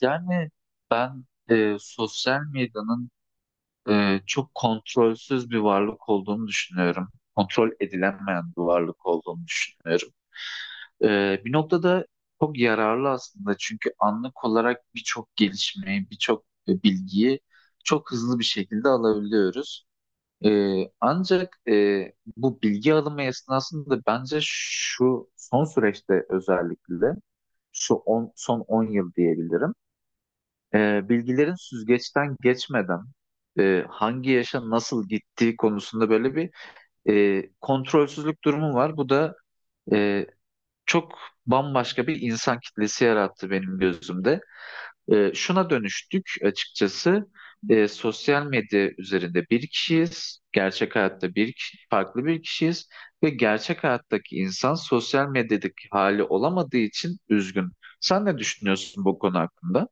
Yani ben Sosyal medyanın çok kontrolsüz bir varlık olduğunu düşünüyorum. Kontrol edilemeyen bir varlık olduğunu düşünüyorum. Bir noktada çok yararlı aslında çünkü anlık olarak birçok gelişmeyi, birçok bilgiyi çok hızlı bir şekilde alabiliyoruz. E, Bu bilgi alımı esnasında bence şu son süreçte özellikle, son 10 yıl diyebilirim bilgilerin süzgeçten geçmeden hangi yaşa nasıl gittiği konusunda böyle bir kontrolsüzlük durumu var. Bu da e, çok bambaşka bir insan kitlesi yarattı benim gözümde. Şuna dönüştük açıkçası. Sosyal medya üzerinde bir kişiyiz, gerçek hayatta bir kişi, farklı bir kişiyiz ve gerçek hayattaki insan sosyal medyadaki hali olamadığı için üzgün. Sen ne düşünüyorsun bu konu hakkında?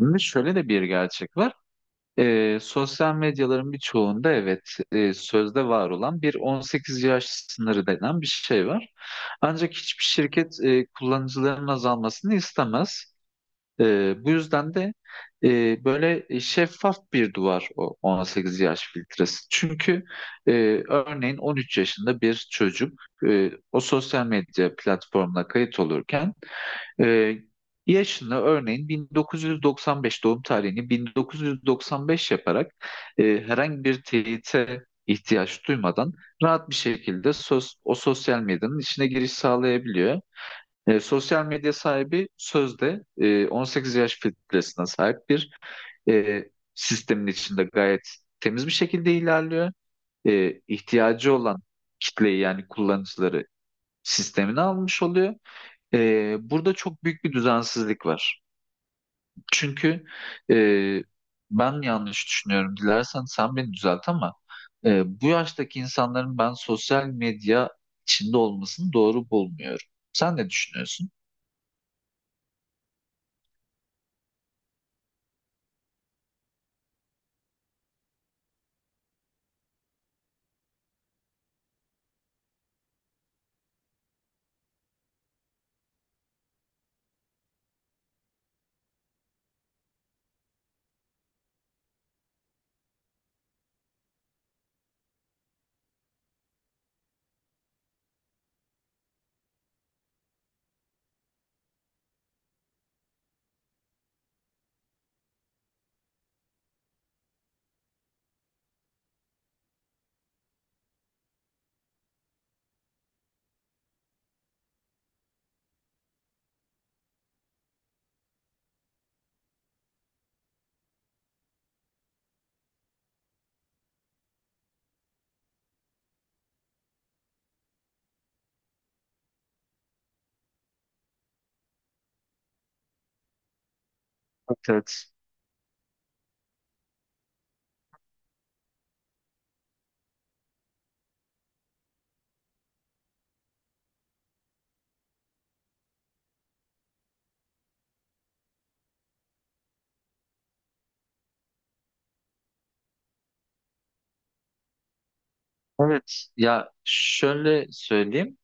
Şimdi şöyle de bir gerçek var. Sosyal medyaların birçoğunda evet, sözde var olan bir 18 yaş sınırı denen bir şey var. Ancak hiçbir şirket kullanıcıların azalmasını istemez. Bu yüzden de böyle şeffaf bir duvar o 18 yaş filtresi. Çünkü e, örneğin 13 yaşında bir çocuk, o sosyal medya platformuna kayıt olurken ee, yaşını örneğin 1995, doğum tarihini 1995 yaparak herhangi bir teyite ihtiyaç duymadan rahat bir şekilde o sosyal medyanın içine giriş sağlayabiliyor. Sosyal medya sahibi sözde 18 yaş filtresine sahip bir e, sistemin içinde gayet temiz bir şekilde ilerliyor. İhtiyacı olan kitleyi yani kullanıcıları sistemine almış oluyor. Burada çok büyük bir düzensizlik var. Çünkü e, ben yanlış düşünüyorum. Dilersen sen beni düzelt ama bu yaştaki insanların ben sosyal medya içinde olmasını doğru bulmuyorum. Sen ne düşünüyorsun? Evet. Evet. Ya şöyle söyleyeyim.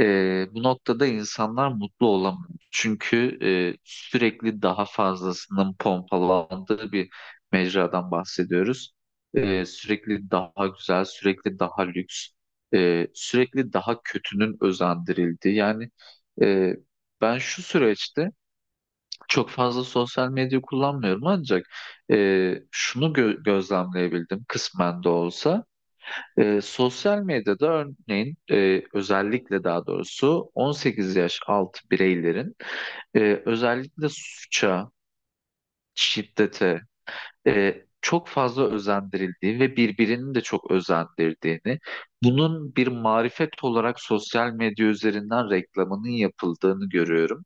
Bu noktada insanlar mutlu olamıyor. Çünkü sürekli daha fazlasının pompalandığı bir mecradan bahsediyoruz. Sürekli daha güzel, sürekli daha lüks, sürekli daha kötünün özendirildiği. Yani e, ben şu süreçte çok fazla sosyal medya kullanmıyorum, ancak şunu gözlemleyebildim kısmen de olsa. Sosyal medyada örneğin, özellikle daha doğrusu 18 yaş altı bireylerin özellikle suça, şiddete çok fazla özendirildiği ve birbirini de çok özendirdiğini, bunun bir marifet olarak sosyal medya üzerinden reklamının yapıldığını görüyorum.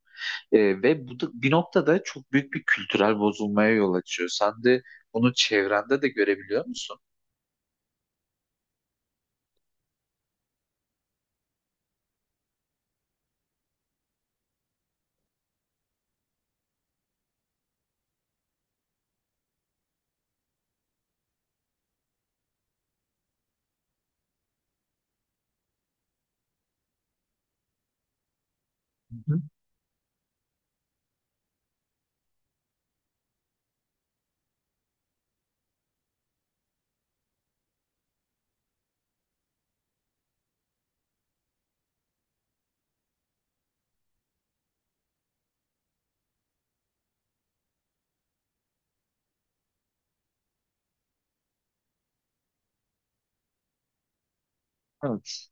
Ve bu da bir noktada çok büyük bir kültürel bozulmaya yol açıyor. Sen de bunu çevrende de görebiliyor musun? Hı hı. Evet.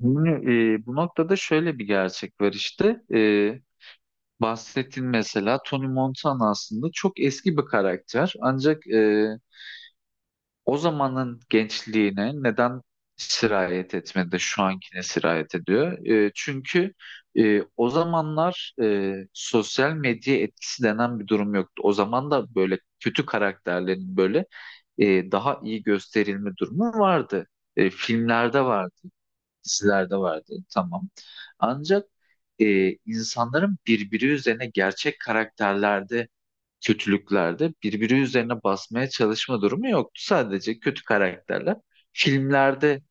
Şimdi, bu noktada şöyle bir gerçek var işte. Bahsettiğin mesela Tony Montana aslında çok eski bir karakter. Ancak o zamanın gençliğine neden sirayet etmedi de şu ankine sirayet ediyor? Çünkü o zamanlar sosyal medya etkisi denen bir durum yoktu. O zaman da böyle kötü karakterlerin böyle daha iyi gösterilme durumu vardı. Filmlerde vardı, dizilerde vardı. Tamam. Ancak insanların birbiri üzerine gerçek karakterlerde, kötülüklerde birbiri üzerine basmaya çalışma durumu yoktu. Sadece kötü karakterler filmlerde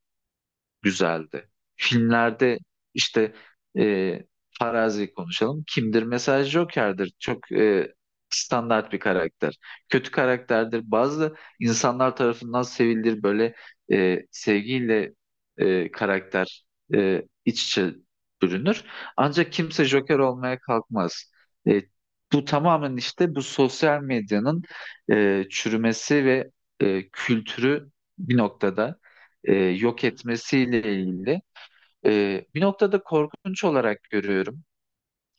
güzeldi. Filmlerde işte e, Farazi'yi konuşalım. Kimdir? Mesela Joker'dir. Çok standart bir karakter. Kötü karakterdir. Bazı insanlar tarafından sevilir. Böyle sevgiyle karakter iç içe bürünür. Ancak kimse Joker olmaya kalkmaz. E, Bu tamamen işte bu sosyal medyanın çürümesi ve kültürü bir noktada yok etmesiyle ilgili. Bir noktada korkunç olarak görüyorum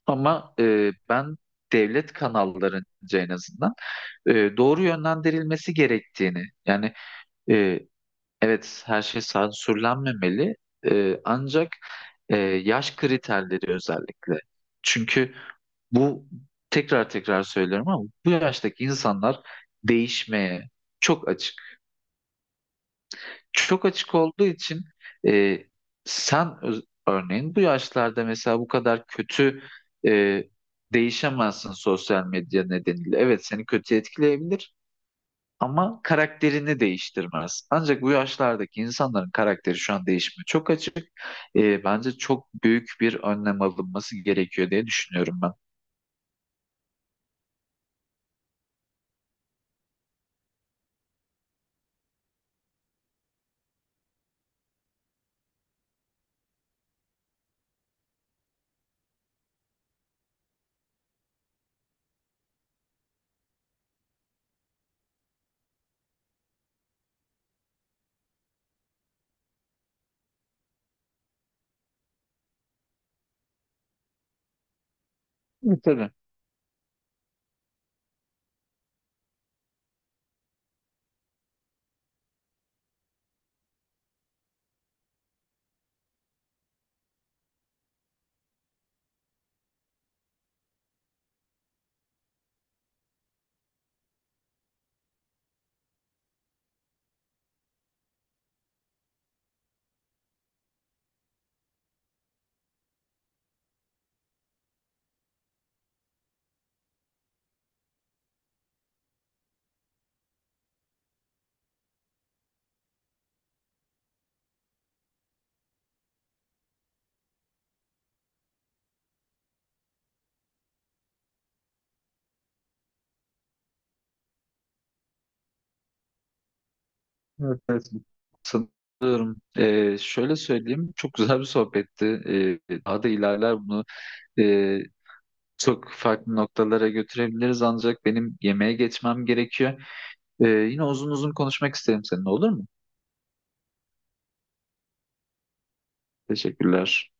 ama ben devlet kanallarınca en azından doğru yönlendirilmesi gerektiğini, yani e, evet, her şey sansürlenmemeli, ancak yaş kriterleri özellikle. Çünkü bu, tekrar tekrar söylüyorum ama, bu yaştaki insanlar değişmeye çok açık. Çok açık olduğu için e, örneğin bu yaşlarda mesela bu kadar kötü e, değişemezsin sosyal medya nedeniyle. Evet, seni kötü etkileyebilir ama karakterini değiştirmez. Ancak bu yaşlardaki insanların karakteri şu an değişmiyor. Çok açık. Bence çok büyük bir önlem alınması gerekiyor diye düşünüyorum ben. Evet, tabii. Evet, evet. San- Şöyle söyleyeyim, çok güzel bir sohbetti. Daha da ilerler bunu. E, Çok farklı noktalara götürebiliriz ancak benim yemeğe geçmem gerekiyor. Yine uzun uzun konuşmak isterim seninle, olur mu? Teşekkürler.